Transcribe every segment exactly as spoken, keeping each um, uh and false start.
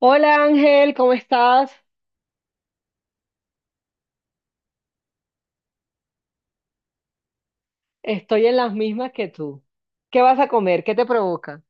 Hola Ángel, ¿cómo estás? Estoy en las mismas que tú. ¿Qué vas a comer? ¿Qué te provoca?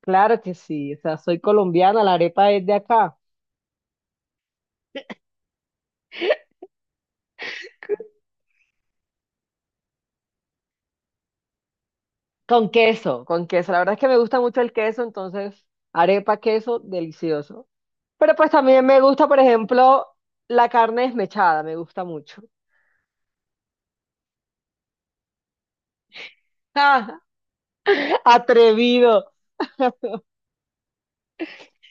Claro que sí, o sea, soy colombiana, la arepa es de acá. Con queso, con queso. La verdad es que me gusta mucho el queso, entonces arepa, queso, delicioso. Pero pues también me gusta, por ejemplo, la carne desmechada, me gusta mucho. Atrevido.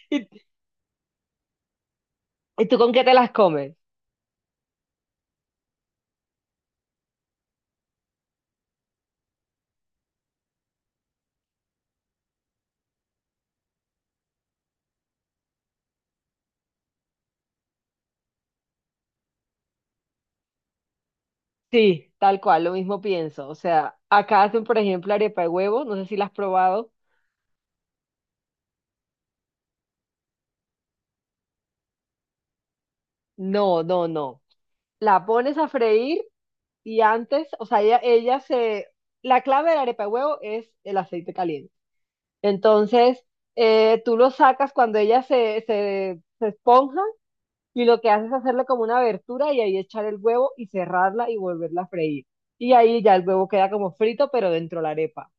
¿Y, y tú con qué te las comes? Sí, tal cual, lo mismo pienso. O sea, acá hacen, por ejemplo, arepa de huevo, no sé si la has probado. No, no, no. La pones a freír y antes, o sea, ella, ella se... La clave de la arepa de huevo es el aceite caliente. Entonces, eh, tú lo sacas cuando ella se, se, se esponja y lo que haces es hacerle como una abertura y ahí echar el huevo y cerrarla y volverla a freír. Y ahí ya el huevo queda como frito, pero dentro de la arepa.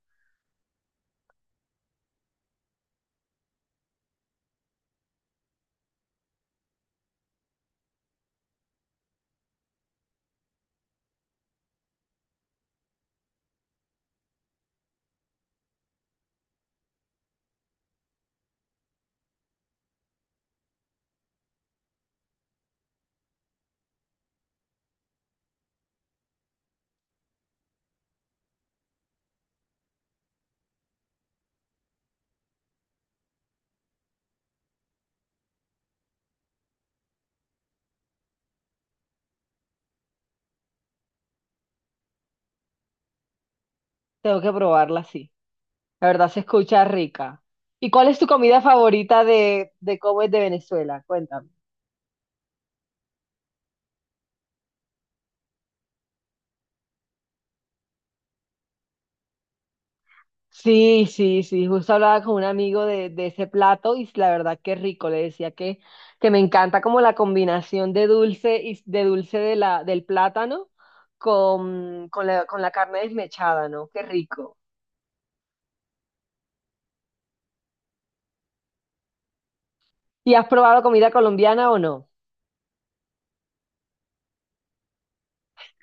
Tengo que probarla así. La verdad se escucha rica. ¿Y cuál es tu comida favorita de, de cómo es de Venezuela? Cuéntame. Sí, sí, sí, justo hablaba con un amigo de, de ese plato y la verdad que rico, le decía que, que me encanta como la combinación de dulce y de dulce de la, del plátano con, con la, con la carne desmechada, ¿no? Qué rico. ¿Y has probado comida colombiana o no?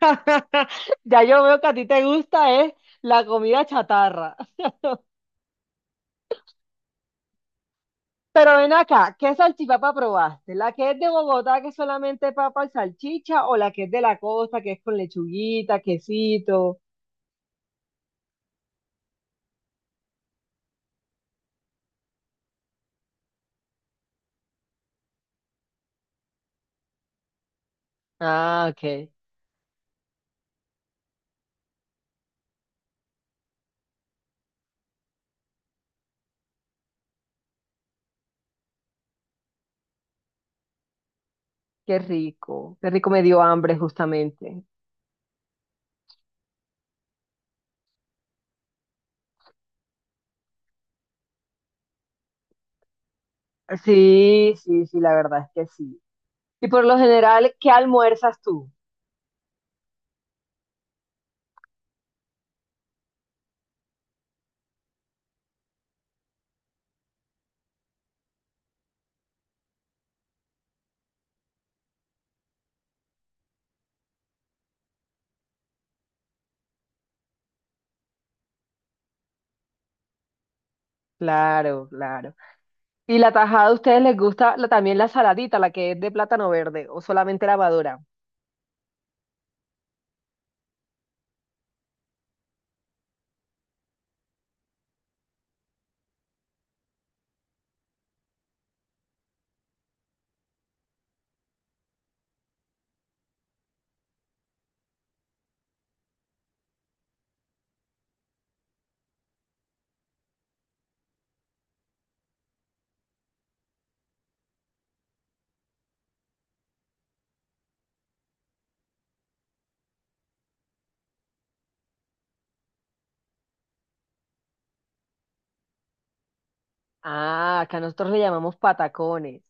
Ya yo veo que a ti te gusta es la comida chatarra. Pero ven acá, ¿qué salchipapa probaste? ¿La que es de Bogotá, que es solamente papa y salchicha, o la que es de la costa, que es con lechuguita, quesito? Ah, ok. Qué rico. Qué rico, me dio hambre justamente. Sí, sí, sí, la verdad es que sí. Y por lo general, ¿qué almuerzas tú? Claro, claro. ¿Y la tajada a ustedes les gusta la- también la saladita, la que es de plátano verde o solamente la madura? Ah, acá nosotros le llamamos patacones.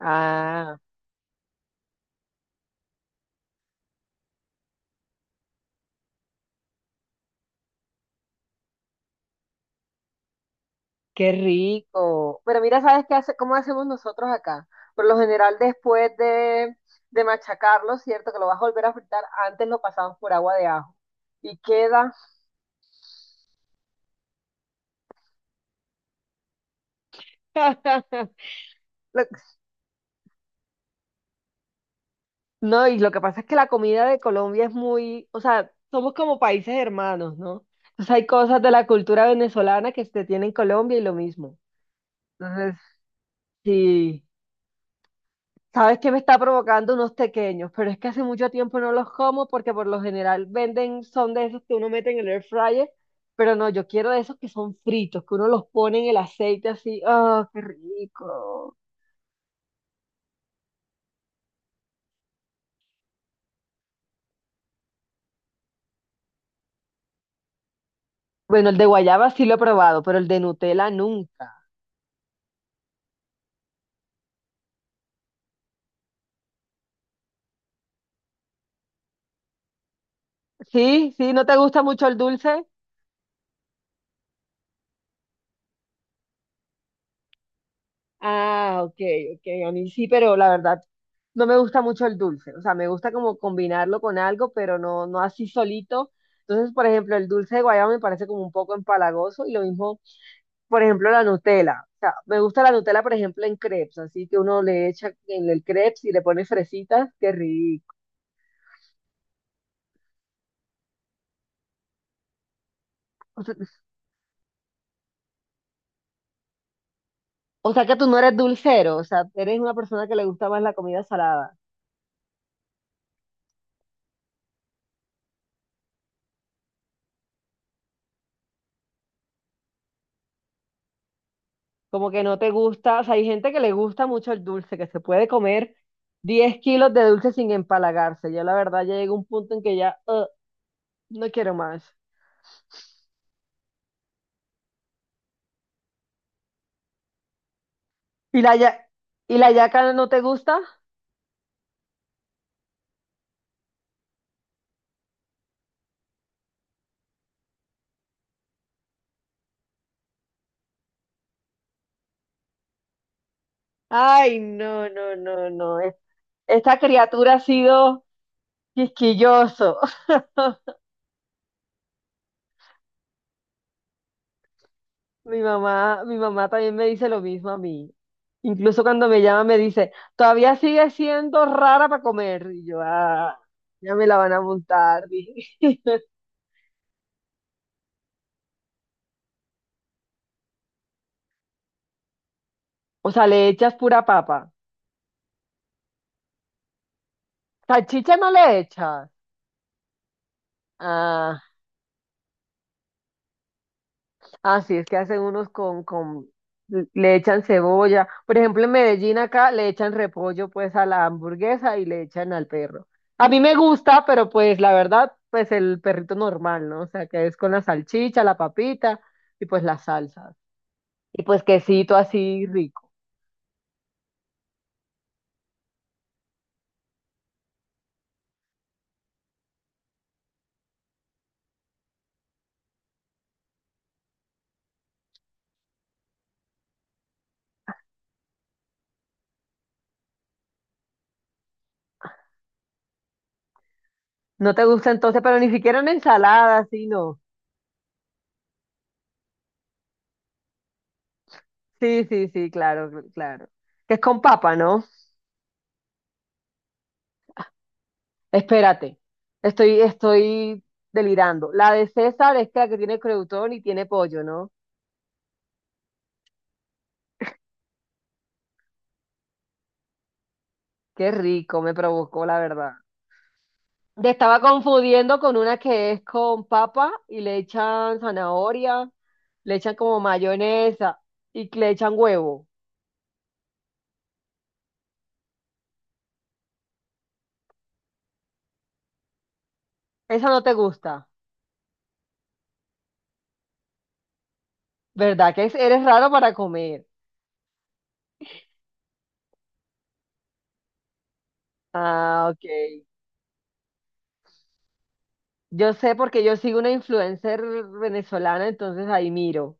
Ah. Qué rico. Pero mira, ¿sabes qué hace, cómo hacemos nosotros acá? Por lo general, después de, de machacarlo, ¿cierto? Que lo vas a volver a fritar, antes lo pasamos por agua de ajo. Y queda. lo- No, y lo que pasa es que la comida de Colombia es muy, o sea, somos como países hermanos, ¿no? Entonces hay cosas de la cultura venezolana que se tiene en Colombia y lo mismo. Entonces, sí. Sabes que me está provocando unos pequeños, pero es que hace mucho tiempo no los como porque por lo general venden, son de esos que uno mete en el air fryer, pero no, yo quiero de esos que son fritos, que uno los pone en el aceite así, ¡oh, qué rico! Bueno, el de guayaba sí lo he probado, pero el de Nutella nunca. Sí, sí, ¿no te gusta mucho el dulce? Ah, ok, ok. A mí sí, pero la verdad no me gusta mucho el dulce. O sea, me gusta como combinarlo con algo, pero no, no así solito. Entonces, por ejemplo, el dulce de guayaba me parece como un poco empalagoso y lo mismo, por ejemplo, la Nutella. O sea, me gusta la Nutella, por ejemplo, en crepes, así que uno le echa en el crepes y le pone fresitas, qué rico. O sea que tú no eres dulcero, o sea, eres una persona que le gusta más la comida salada. Como que no te gusta, o sea, hay gente que le gusta mucho el dulce, que se puede comer diez kilos de dulce sin empalagarse. Yo la verdad ya llega un punto en que ya, "Ugh, no quiero más". ¿Y la ya- y la yaca no te gusta? Ay, no, no, no, no. es- Esta criatura ha sido quisquilloso. Mi mamá, mi mamá también me dice lo mismo a mí. Incluso cuando me llama me dice, todavía sigue siendo rara para comer. Y yo, ah, ya me la van a montar. O sea, le echas pura papa. Salchicha no le echas. Ah, ah, sí, es que hacen unos con, con, le echan cebolla. Por ejemplo, en Medellín acá le echan repollo pues a la hamburguesa y le echan al perro. A mí me gusta, pero pues la verdad, pues el perrito normal, ¿no? O sea, que es con la salchicha, la papita y pues las salsas. Y pues quesito así rico. ¿No te gusta entonces? Pero ni siquiera una ensalada, así no. Sí, sí, sí, claro, claro. Que es con papa, ¿no? Espérate, estoy, estoy delirando. La de César es la que tiene creutón y tiene pollo, ¿no? Qué rico, me provocó, la verdad. Te estaba confundiendo con una que es con papa y le echan zanahoria, le echan como mayonesa y le echan huevo. Esa no te gusta, ¿verdad? Que es- eres raro para comer. Ah, ok. Yo sé porque yo sigo una influencer venezolana, entonces ahí miro.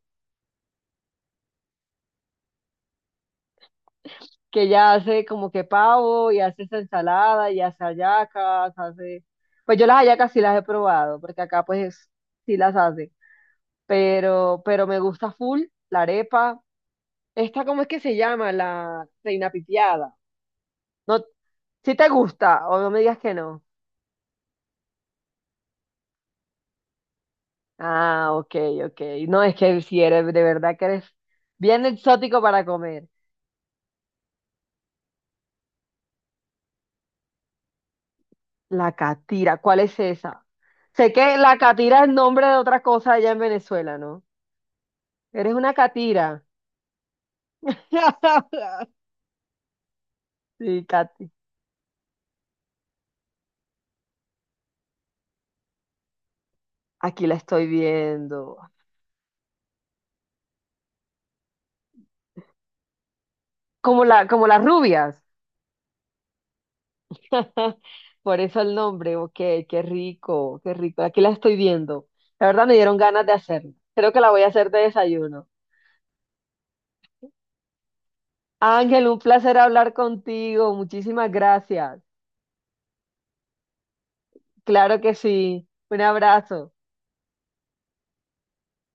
Que ya hace como que pavo y hace esa ensalada y hace hallacas, hace... Pues yo las hallacas sí las he probado, porque acá pues sí las hace, pero, pero me gusta full la arepa. Esta, ¿cómo es que se llama? La reina pitiada. No, si te gusta o no me digas que no. Ah, ok, ok. No, es que si eres, de verdad que eres bien exótico para comer. La catira, ¿cuál es esa? Sé que la catira es nombre de otra cosa allá en Venezuela, ¿no? Eres una catira. Sí, Katy. Aquí la estoy viendo. Como la, como las rubias. Por eso el nombre. Ok, qué rico, qué rico. Aquí la estoy viendo. La verdad me dieron ganas de hacerlo. Creo que la voy a hacer de desayuno. Ángel, un placer hablar contigo. Muchísimas gracias. Claro que sí. Un abrazo.